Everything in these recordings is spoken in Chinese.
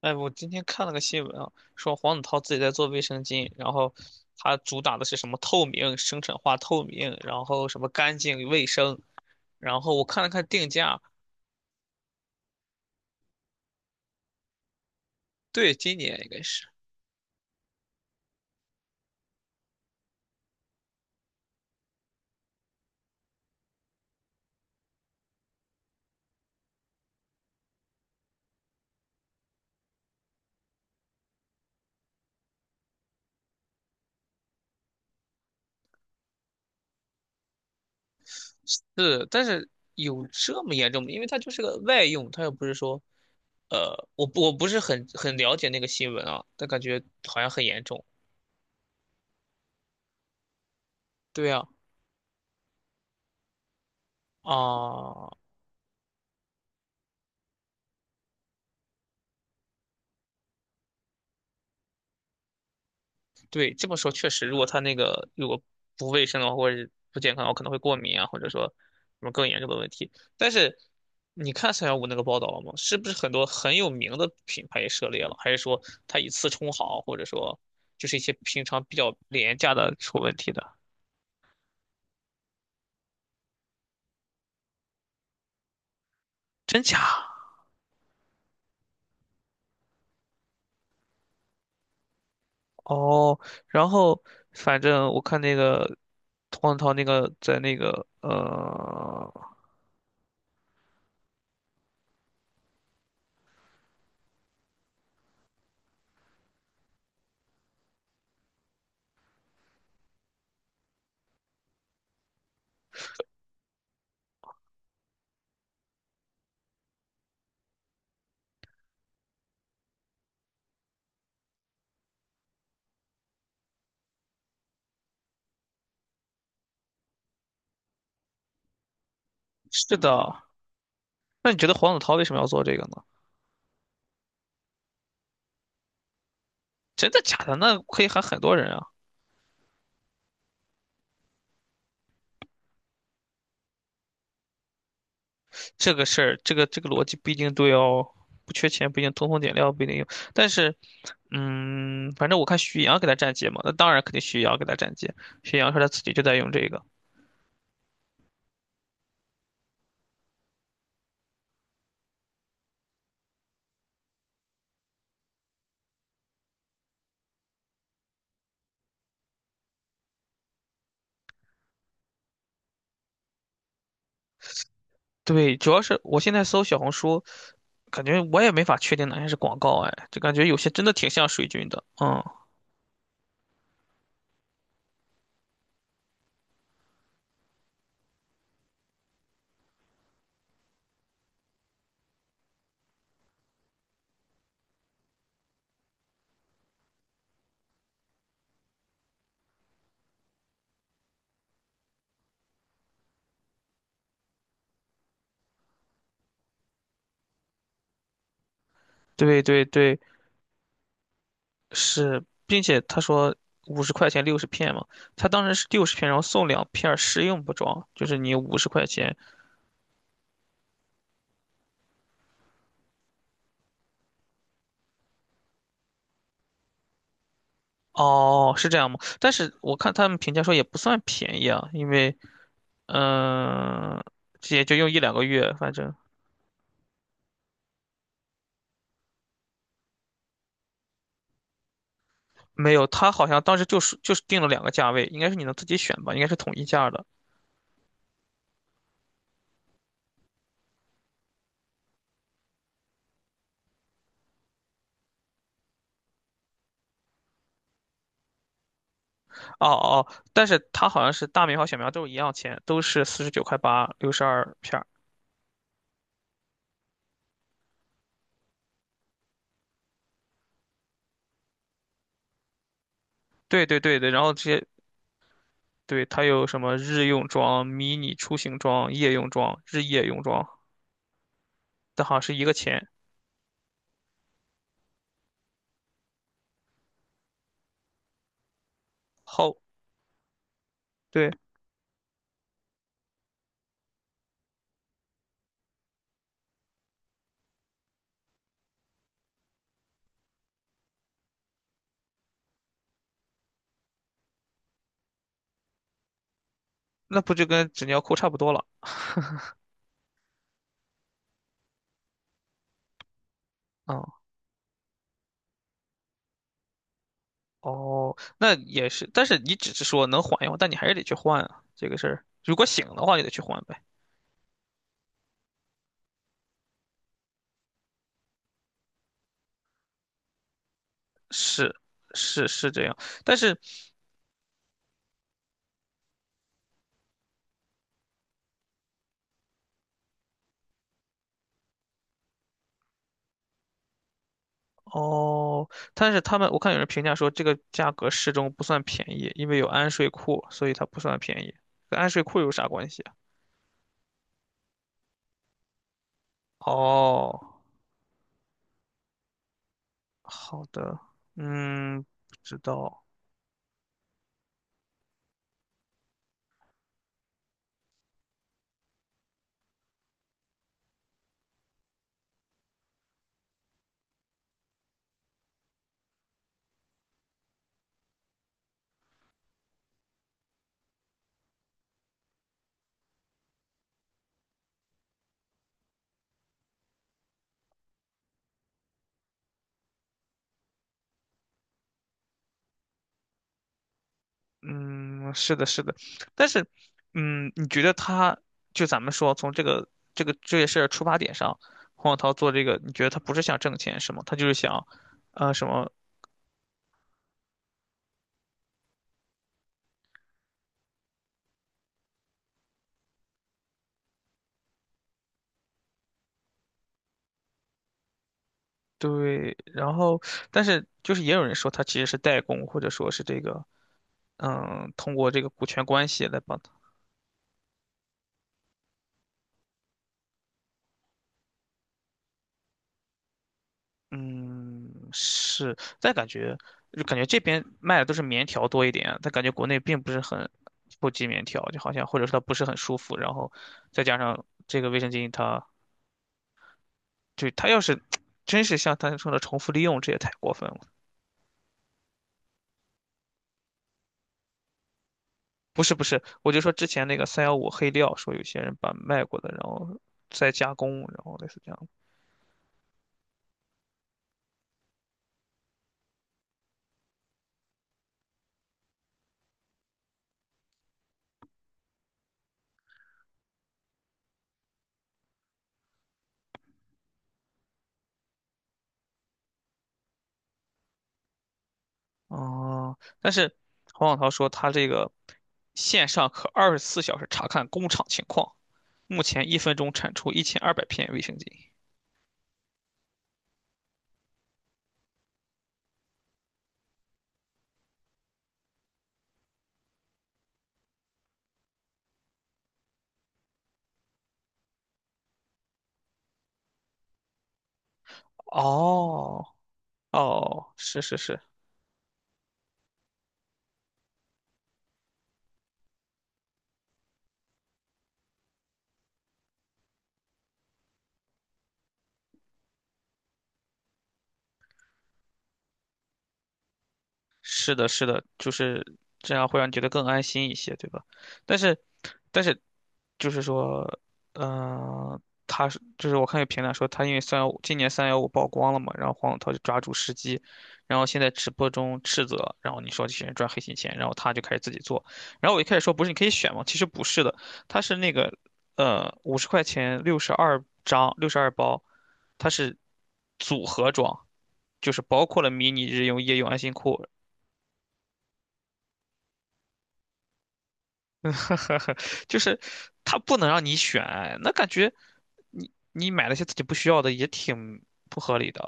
哎，我今天看了个新闻啊，说黄子韬自己在做卫生巾，然后他主打的是什么透明、生产化透明，然后什么干净卫生，然后我看了看定价。对，今年应该是是，但是有这么严重吗？因为它就是个外用，它又不是说，我不我不是很了解那个新闻啊，但感觉好像很严重。对啊，啊、对，这么说确实，如果它那个如果不卫生的话，或者是不健康的话，可能会过敏啊，或者说什么更严重的问题。但是你看三幺五那个报道了吗？是不是很多很有名的品牌也涉猎了？还是说它以次充好，或者说就是一些平常比较廉价的出问题的？真假？哦，然后反正我看那个黄子韬那个在那个是的。那你觉得黄子韬为什么要做这个呢？真的假的？那可以喊很多人啊。这个事儿，这个逻辑不一定对哦，不缺钱不一定通风点料不一定有，但是，嗯，反正我看徐阳给他站街嘛，那当然肯定徐阳给他站街，徐阳说他自己就在用这个。对，主要是我现在搜小红书，感觉我也没法确定哪些是广告，哎，就感觉有些真的挺像水军的。嗯，对对对，是，并且他说五十块钱六十片嘛，他当时是六十片，然后送2片儿试用不装，就是你五十块钱。哦，是这样吗？但是我看他们评价说也不算便宜啊，因为嗯、呃也就用一两个月，反正没有。他好像当时就是定了2个价位，应该是你能自己选吧，应该是统一价的。哦哦，但是他好像是大苗和小苗都是一样钱，都是49.8块，62片儿。对对对对，然后这些对它有什么日用装、迷你出行装、夜用装、日夜用装，但好像是一个钱。后对，那不就跟纸尿裤差不多了？啊？哦，那也是，但是你只是说能缓一缓，但你还是得去换啊，这个事儿。如果醒的话，也得去换呗。是是是，这样，但是哦，但是他们我看有人评价说这个价格适中不算便宜，因为有安睡裤，所以它不算便宜。跟安睡裤有啥关系啊？哦，好的，嗯，不知道。嗯，是的，是的，但是，嗯，你觉得他就咱们说从这个这件事儿出发点上，黄小涛做这个，你觉得他不是想挣钱是吗？他就是想，啊，什么对。然后，但是就是也有人说他其实是代工，或者说是这个，嗯，通过这个股权关系来帮。嗯，是，但感觉就感觉这边卖的都是棉条多一点，但感觉国内并不是很普及棉条，就好像或者说它不是很舒服，然后再加上这个卫生巾它，就它要是真是像他说的重复利用，这也太过分了。不是不是，我就说之前那个三幺五黑料，说有些人把卖过的，然后再加工，然后类似这样的。哦，但是黄小涛说他这个线上可24小时查看工厂情况。目前1分钟产出1200片卫生巾。哦，哦，是是是，是的，是的，就是这样会让你觉得更安心一些，对吧？但是，但是，就是说，嗯、他是就是我看有评论说他因为三幺五今年三幺五曝光了嘛，然后黄子韬就抓住时机，然后现在直播中斥责，然后你说这些人赚黑心钱，然后他就开始自己做，然后我一开始说不是你可以选吗？其实不是的，他是那个50块钱62张62包，它是组合装。就是包括了迷你日用、夜用、安心裤，呵呵呵，就是他不能让你选，那感觉你你买了些自己不需要的也挺不合理的。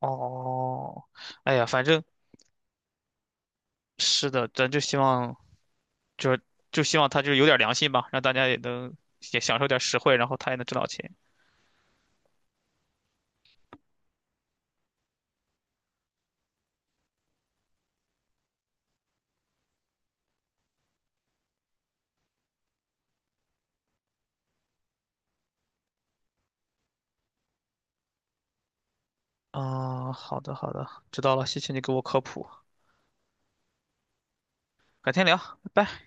哦，哎呀，反正是的，咱就希望就就希望他就有点良心吧，让大家也能也享受点实惠，然后他也能挣到钱。啊、好的好的，知道了，谢谢你给我科普，改天聊，拜拜。